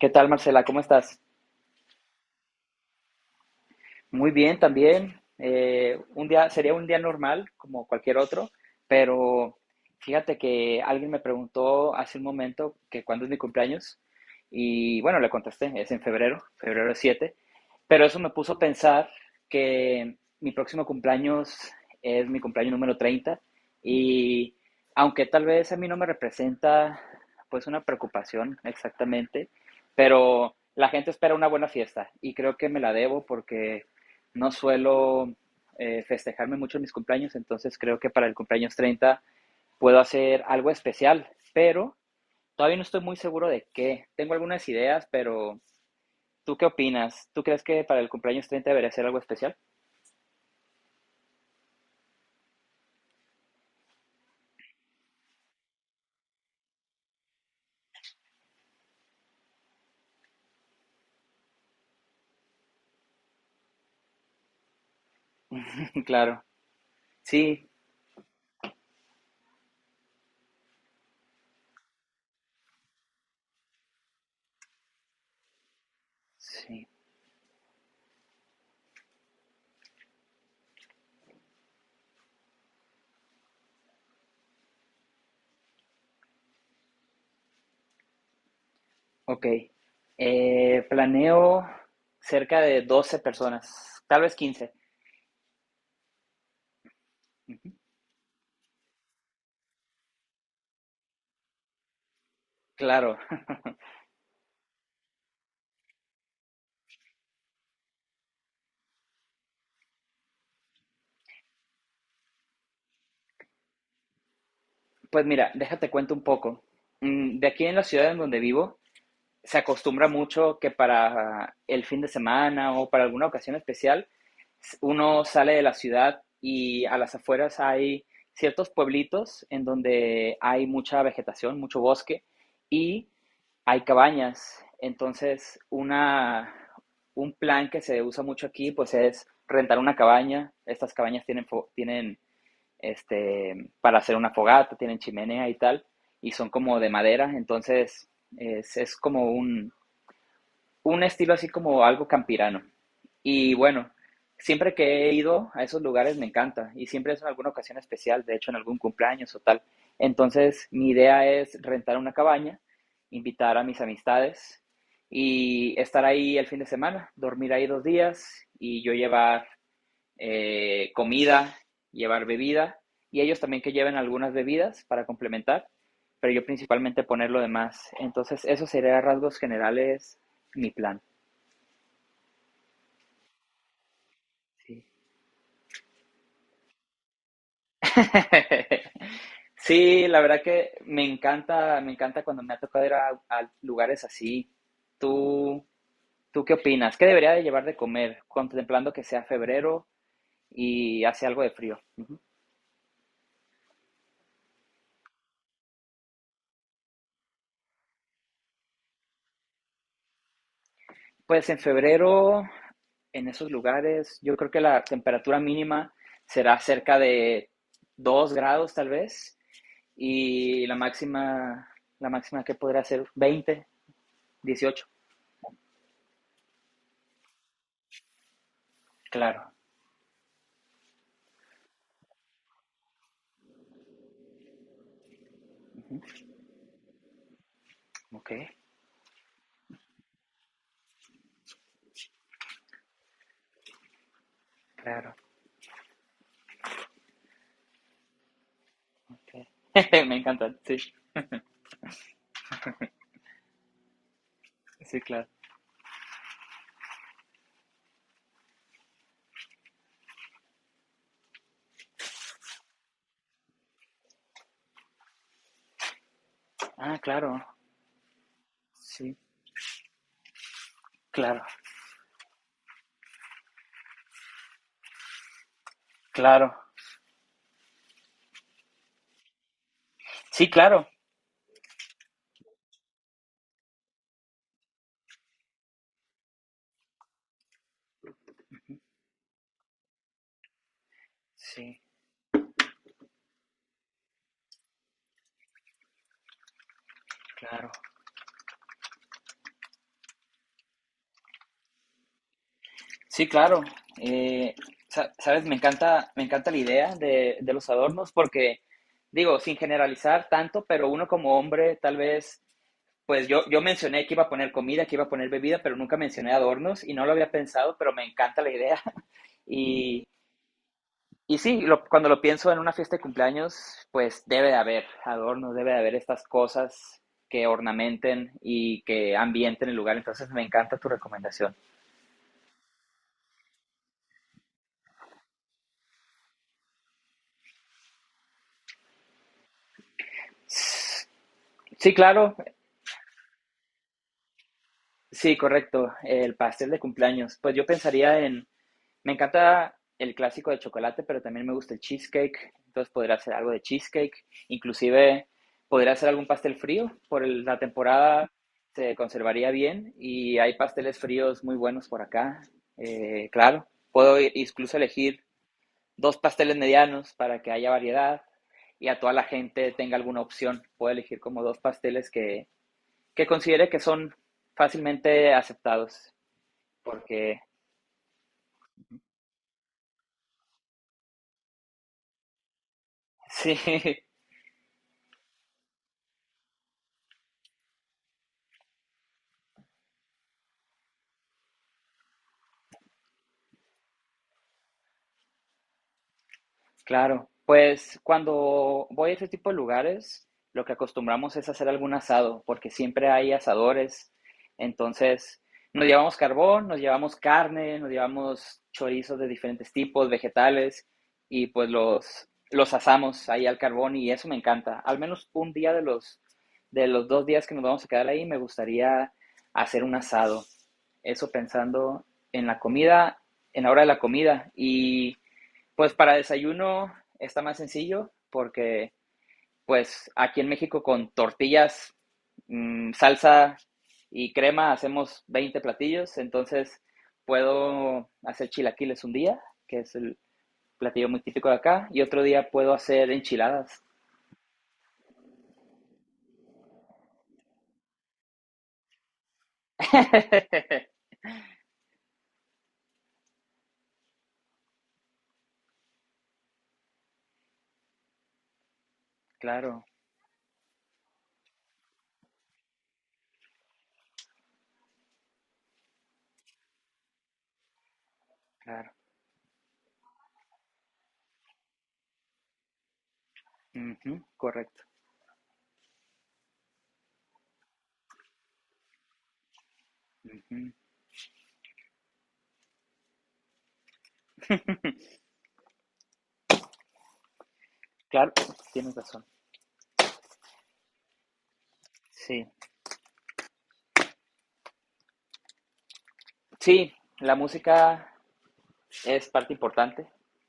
¿Qué tal, Marcela? ¿Cómo estás? Muy bien también. Un día, sería un día normal, como cualquier otro, pero fíjate que alguien me preguntó hace un momento que cuándo es mi cumpleaños y bueno, le contesté, es en febrero, febrero 7, pero eso me puso a pensar que mi próximo cumpleaños es mi cumpleaños número 30, y aunque tal vez a mí no me representa pues una preocupación exactamente, pero la gente espera una buena fiesta y creo que me la debo porque no suelo festejarme mucho en mis cumpleaños. Entonces creo que para el cumpleaños 30 puedo hacer algo especial, pero todavía no estoy muy seguro de qué. Tengo algunas ideas, pero ¿tú qué opinas? ¿Tú crees que para el cumpleaños treinta debería ser algo especial? Claro, sí, sí, ok. Planeo cerca de 12 personas, tal vez 15. Claro. Pues mira, déjate cuento un poco. De aquí en la ciudad en donde vivo, se acostumbra mucho que para el fin de semana o para alguna ocasión especial, uno sale de la ciudad y a las afueras hay ciertos pueblitos en donde hay mucha vegetación, mucho bosque y hay cabañas. Entonces, una, un plan que se usa mucho aquí pues es rentar una cabaña. Estas cabañas tienen para hacer una fogata, tienen chimenea y tal, y son como de madera. Entonces es como un estilo así como algo campirano. Y bueno, siempre que he ido a esos lugares me encanta y siempre es en alguna ocasión especial, de hecho en algún cumpleaños o tal. Entonces mi idea es rentar una cabaña, invitar a mis amistades y estar ahí el fin de semana, dormir ahí 2 días y yo llevar comida, llevar bebida, y ellos también que lleven algunas bebidas para complementar, pero yo principalmente poner lo demás. Entonces, eso sería a rasgos generales mi plan. Sí. Sí, la verdad que me encanta cuando me ha tocado ir a lugares así. ¿Tú, ¿Tú qué opinas? ¿Qué debería de llevar de comer contemplando que sea febrero y hace algo de frío? Uh -huh. Pues en febrero en esos lugares, yo creo que la temperatura mínima será cerca de 2 grados tal vez, y la máxima que podrá ser 20, 18. Claro, ok, claro, ok. Me encanta, sí, sí, claro. Ah, claro, sí, claro, claro. Sí, claro, sí, claro. Sí, claro. Eh, sabes, me encanta la idea de los adornos porque, digo, sin generalizar tanto, pero uno como hombre, tal vez, pues yo mencioné que iba a poner comida, que iba a poner bebida, pero nunca mencioné adornos y no lo había pensado, pero me encanta la idea. Y, y, sí, cuando lo pienso en una fiesta de cumpleaños, pues debe de haber adornos, debe de haber estas cosas que ornamenten y que ambienten el lugar. Entonces, me encanta tu recomendación. Sí, claro. Sí, correcto, el pastel de cumpleaños. Pues yo pensaría en, me encanta el clásico de chocolate, pero también me gusta el cheesecake, entonces podría hacer algo de cheesecake, inclusive podría hacer algún pastel frío, por la temporada se conservaría bien, y hay pasteles fríos muy buenos por acá. Claro, puedo incluso elegir dos pasteles medianos para que haya variedad y a toda la gente tenga alguna opción. Puedo elegir como dos pasteles que considere que son fácilmente aceptados porque sí. Claro, pues cuando voy a este tipo de lugares, lo que acostumbramos es hacer algún asado, porque siempre hay asadores. Entonces, nos llevamos carbón, nos llevamos carne, nos llevamos chorizos de diferentes tipos, vegetales, y pues los asamos ahí al carbón y eso me encanta. Al menos un día de los 2 días que nos vamos a quedar ahí, me gustaría hacer un asado. Eso pensando en la comida, en la hora de la comida. Y pues para desayuno está más sencillo porque pues aquí en México con tortillas, salsa y crema hacemos 20 platillos, entonces puedo hacer chilaquiles un día, que es el platillo muy típico de acá, y otro día puedo hacer enchiladas. Claro, claro. Ujú, correcto. Ujú. Claro, tienes razón. Sí. Sí, la música es parte importante.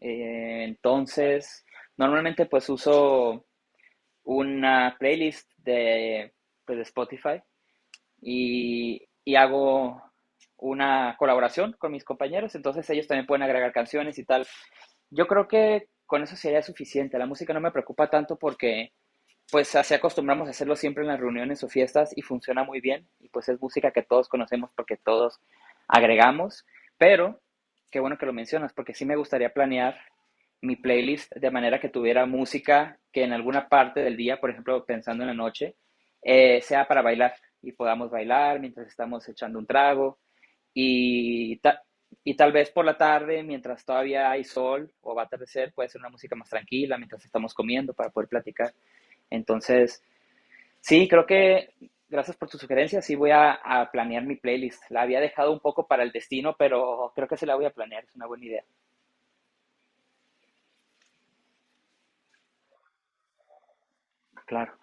Entonces, normalmente pues uso una playlist de, pues, de Spotify, y hago una colaboración con mis compañeros, entonces ellos también pueden agregar canciones y tal. Yo creo que con eso sería suficiente. La música no me preocupa tanto porque pues así acostumbramos a hacerlo siempre en las reuniones o fiestas y funciona muy bien. Y pues es música que todos conocemos porque todos agregamos. Pero qué bueno que lo mencionas porque sí me gustaría planear mi playlist de manera que tuviera música que en alguna parte del día, por ejemplo, pensando en la noche, sea para bailar y podamos bailar mientras estamos echando un trago, y, ta y tal vez por la tarde, mientras todavía hay sol o va a atardecer, puede ser una música más tranquila mientras estamos comiendo para poder platicar. Entonces, sí, creo que gracias por tu sugerencia. Sí, voy a planear mi playlist. La había dejado un poco para el destino, pero creo que se la voy a planear. Es una buena idea. Claro.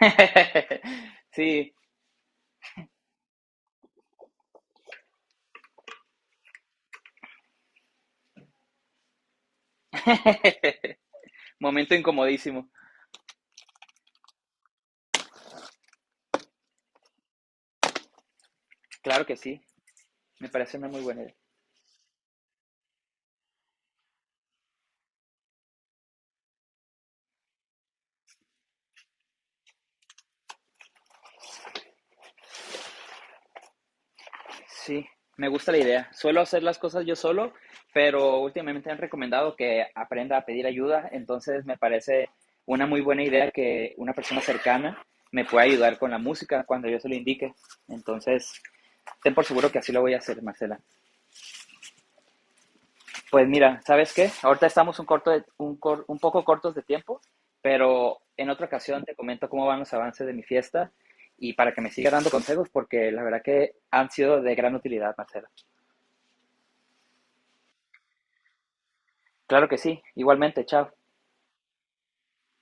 Sí, momento incomodísimo. Claro que sí. Me parece una muy buena idea. Sí, me gusta la idea. Suelo hacer las cosas yo solo, pero últimamente han recomendado que aprenda a pedir ayuda. Entonces, me parece una muy buena idea que una persona cercana me pueda ayudar con la música cuando yo se lo indique. Entonces, ten por seguro que así lo voy a hacer, Marcela. Pues mira, ¿sabes qué? Ahorita estamos un poco cortos de tiempo, pero en otra ocasión te comento cómo van los avances de mi fiesta y para que me siga dando consejos, porque la verdad que han sido de gran utilidad, Marcela. Claro que sí, igualmente, chao.